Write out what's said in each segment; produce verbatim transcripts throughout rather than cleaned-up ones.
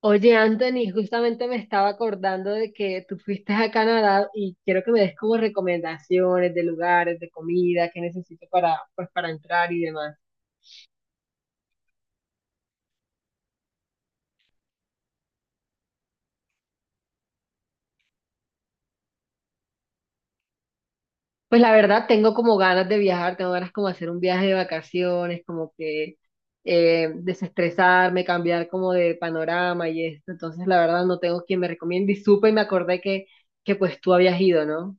Oye, Anthony, justamente me estaba acordando de que tú fuiste a Canadá y quiero que me des como recomendaciones de lugares, de comida, que necesito para, pues, para entrar y demás. Pues la verdad, tengo como ganas de viajar, tengo ganas como hacer un viaje de vacaciones, como que eh, desestresarme, cambiar como de panorama y esto. Entonces, la verdad, no tengo quien me recomiende y supe y me acordé que, que pues tú habías ido, ¿no?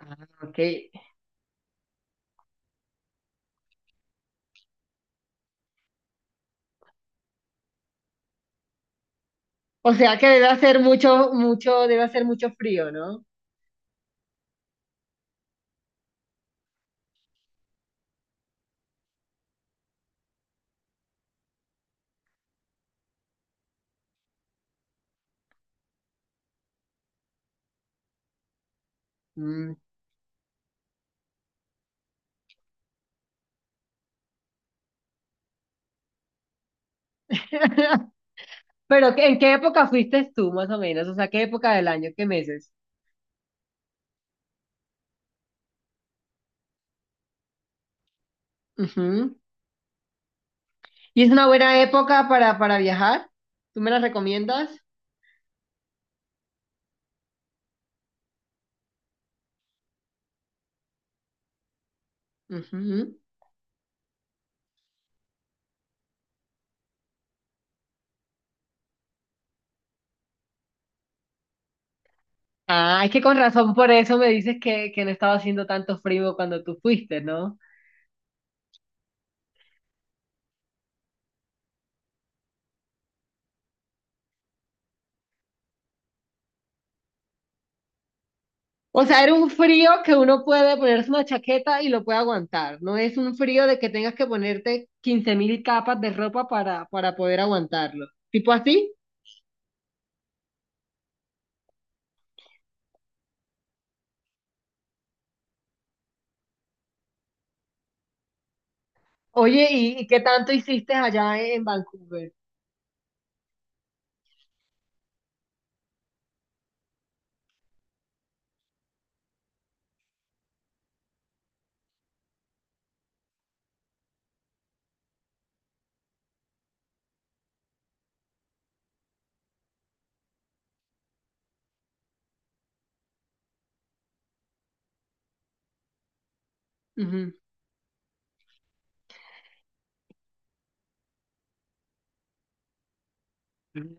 Ah, ok. O sea que debe hacer mucho, mucho, debe hacer mucho frío, ¿no? Mm. Pero, ¿en qué época fuiste tú, más o menos? O sea, ¿qué época del año? ¿Qué meses? Ujú. ¿Y es una buena época para, para viajar? ¿Tú me la recomiendas? Ujú. Ah, es que con razón por eso me dices que, que no estaba haciendo tanto frío cuando tú fuiste, ¿no? O sea, era un frío que uno puede ponerse una chaqueta y lo puede aguantar. No es un frío de que tengas que ponerte quince mil capas de ropa para, para poder aguantarlo. ¿Tipo así? Oye, ¿y, y qué tanto hiciste allá en Vancouver?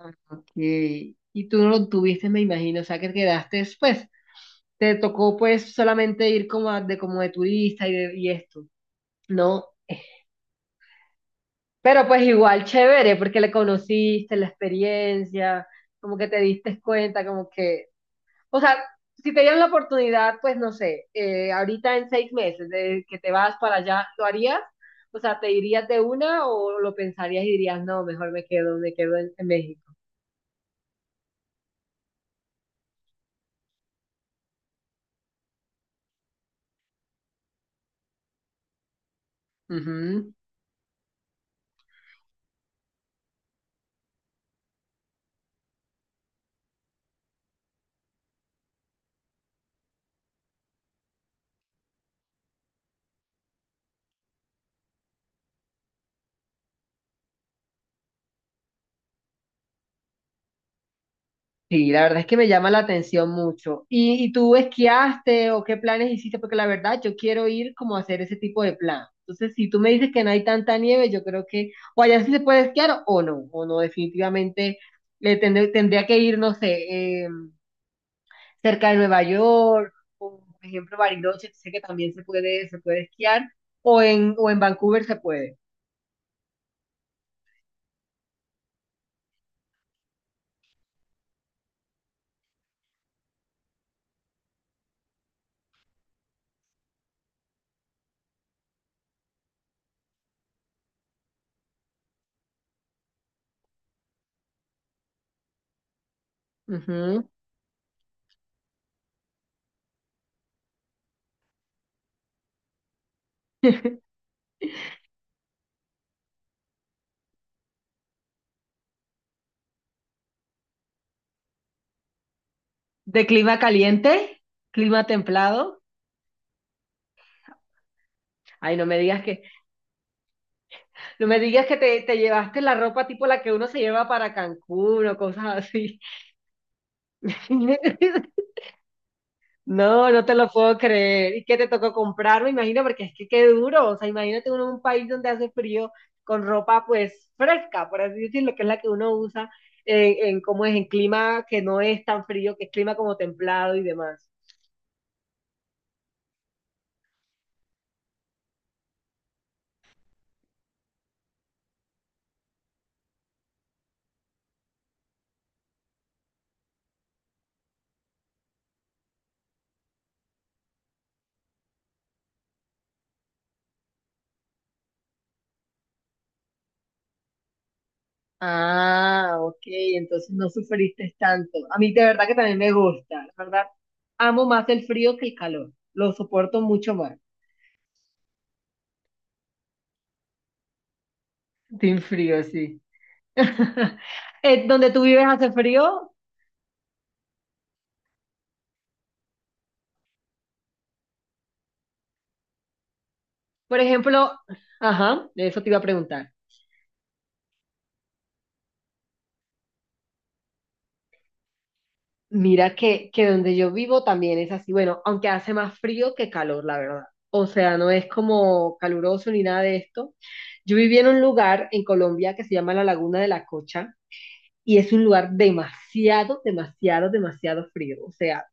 Ah, ok. Y tú no lo tuviste, me imagino, o sea que quedaste, pues, te tocó pues solamente ir como a- de como de turista y, de- y esto, ¿no? Eh, Pero pues igual chévere, porque le conociste, la experiencia, como que te diste cuenta, como que, o sea, si te dieran la oportunidad, pues no sé, eh, ahorita en seis meses de que te vas para allá, ¿lo harías? O sea, ¿te irías de una o lo pensarías y dirías, no, mejor me quedo, me quedo en, en México? Sí, la verdad es que me llama la atención mucho. ¿Y, y tú esquiaste o qué planes hiciste? Porque la verdad yo quiero ir como a hacer ese tipo de plan. Entonces, si tú me dices que no hay tanta nieve, yo creo que o allá sí se puede esquiar o no, o no, definitivamente le tendré- tendría que ir, no sé, eh, cerca de Nueva York, o por ejemplo Bariloche, que sé que también se puede, se puede esquiar, o en, o en Vancouver se puede. Ujú. ¿De clima caliente? ¿Clima templado? Ay, no me digas que... No me digas que te, te llevaste la ropa tipo la que uno se lleva para Cancún o cosas así. No, no te lo puedo creer. ¿Y qué te tocó comprar? Me imagino, porque es que qué duro. O sea, imagínate uno en un país donde hace frío con ropa pues fresca, por así decirlo, que es la que uno usa en, en cómo es, en clima que no es tan frío, que es clima como templado y demás. Ah, ok, entonces no sufriste tanto. A mí de verdad que también me gusta, la verdad. Amo más el frío que el calor. Lo soporto mucho más. Team frío, sí. Eh, ¿Donde tú vives hace frío? Por ejemplo, ajá, de eso te iba a preguntar. Mira que, que donde yo vivo también es así, bueno, aunque hace más frío que calor, la verdad. O sea, no es como caluroso ni nada de esto. Yo vivía en un lugar en Colombia que se llama la Laguna de la Cocha y es un lugar demasiado, demasiado, demasiado frío. O sea,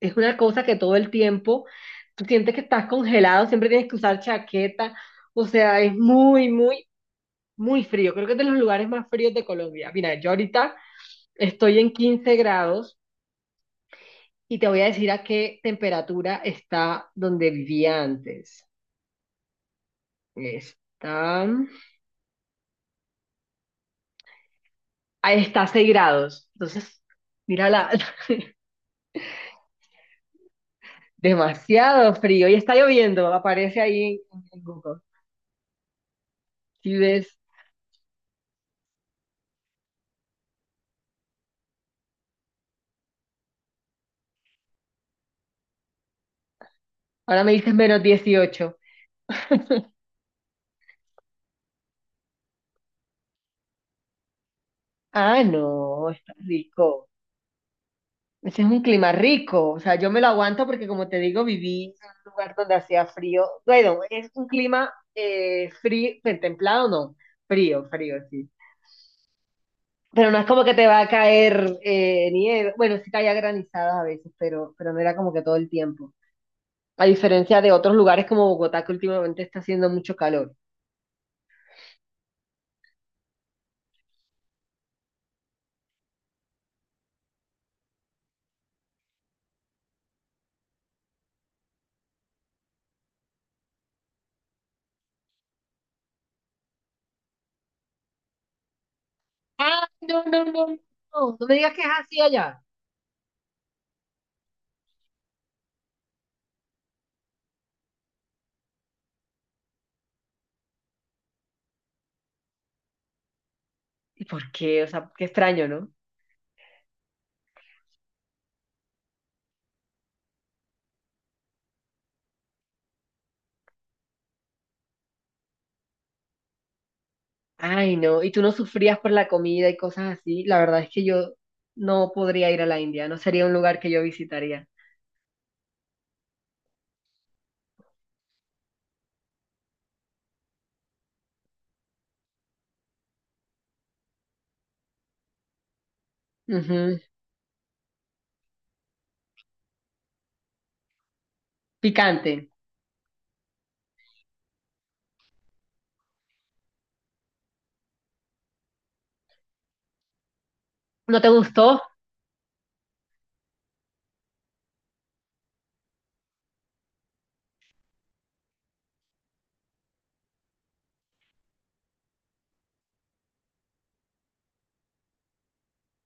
es una cosa que todo el tiempo tú sientes que estás congelado, siempre tienes que usar chaqueta. O sea, es muy, muy, muy frío. Creo que es de los lugares más fríos de Colombia. Mira, yo ahorita estoy en quince grados y te voy a decir a qué temperatura está donde vivía antes. Está, ahí está a seis grados. Entonces, mira, la, demasiado frío y está lloviendo. Aparece ahí en, en Google. Si ves, ahora me dices menos dieciocho. Ah, no, está rico. Ese es un clima rico. O sea, yo me lo aguanto porque, como te digo, viví en un lugar donde hacía frío. Bueno, es un clima eh, frío, templado, no. Frío, frío, sí. Pero no es como que te va a caer eh, nieve. Bueno, sí caía granizadas a veces, pero, pero no era como que todo el tiempo. A diferencia de otros lugares como Bogotá, que últimamente está haciendo mucho calor. Ah, no, no, no, no. No me digas que es así allá. ¿Y por qué? O sea, qué extraño, ¿no? Ay, no. ¿Y tú no sufrías por la comida y cosas así? La verdad es que yo no podría ir a la India, no sería un lugar que yo visitaría. Ujú. Picante. ¿No te gustó?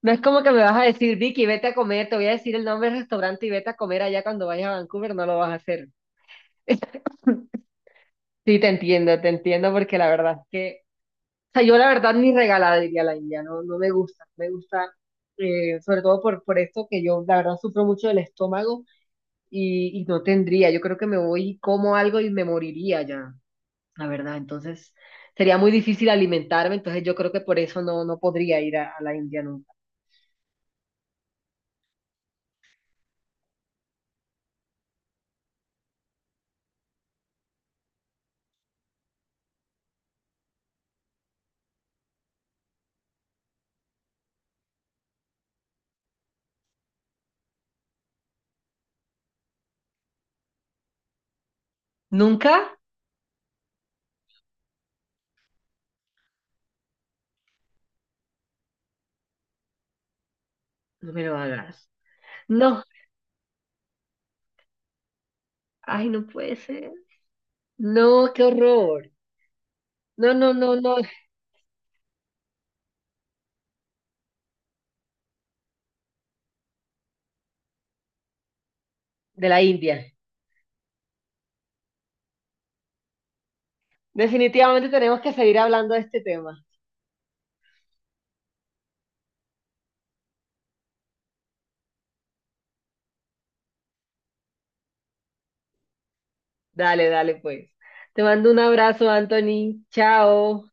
No es como que me vas a decir, Vicky, vete a comer, te voy a decir el nombre del restaurante y vete a comer allá cuando vayas a Vancouver, no lo vas a hacer. Sí, te entiendo, te entiendo porque la verdad es que, o sea, yo la verdad ni regalada iría a la India, no, no me gusta, me gusta, eh, sobre todo por, por esto que yo la verdad sufro mucho del estómago y, y no tendría. Yo creo que me voy, y como algo y me moriría ya, la verdad. Entonces sería muy difícil alimentarme, entonces yo creo que por eso no, no podría ir a, a la India nunca. ¿Nunca? No me lo hagas. No, ay, no puede ser. No, qué horror. No, no, no, no, de la India. Definitivamente tenemos que seguir hablando de este tema. Dale, dale, pues. Te mando un abrazo, Anthony. Chao.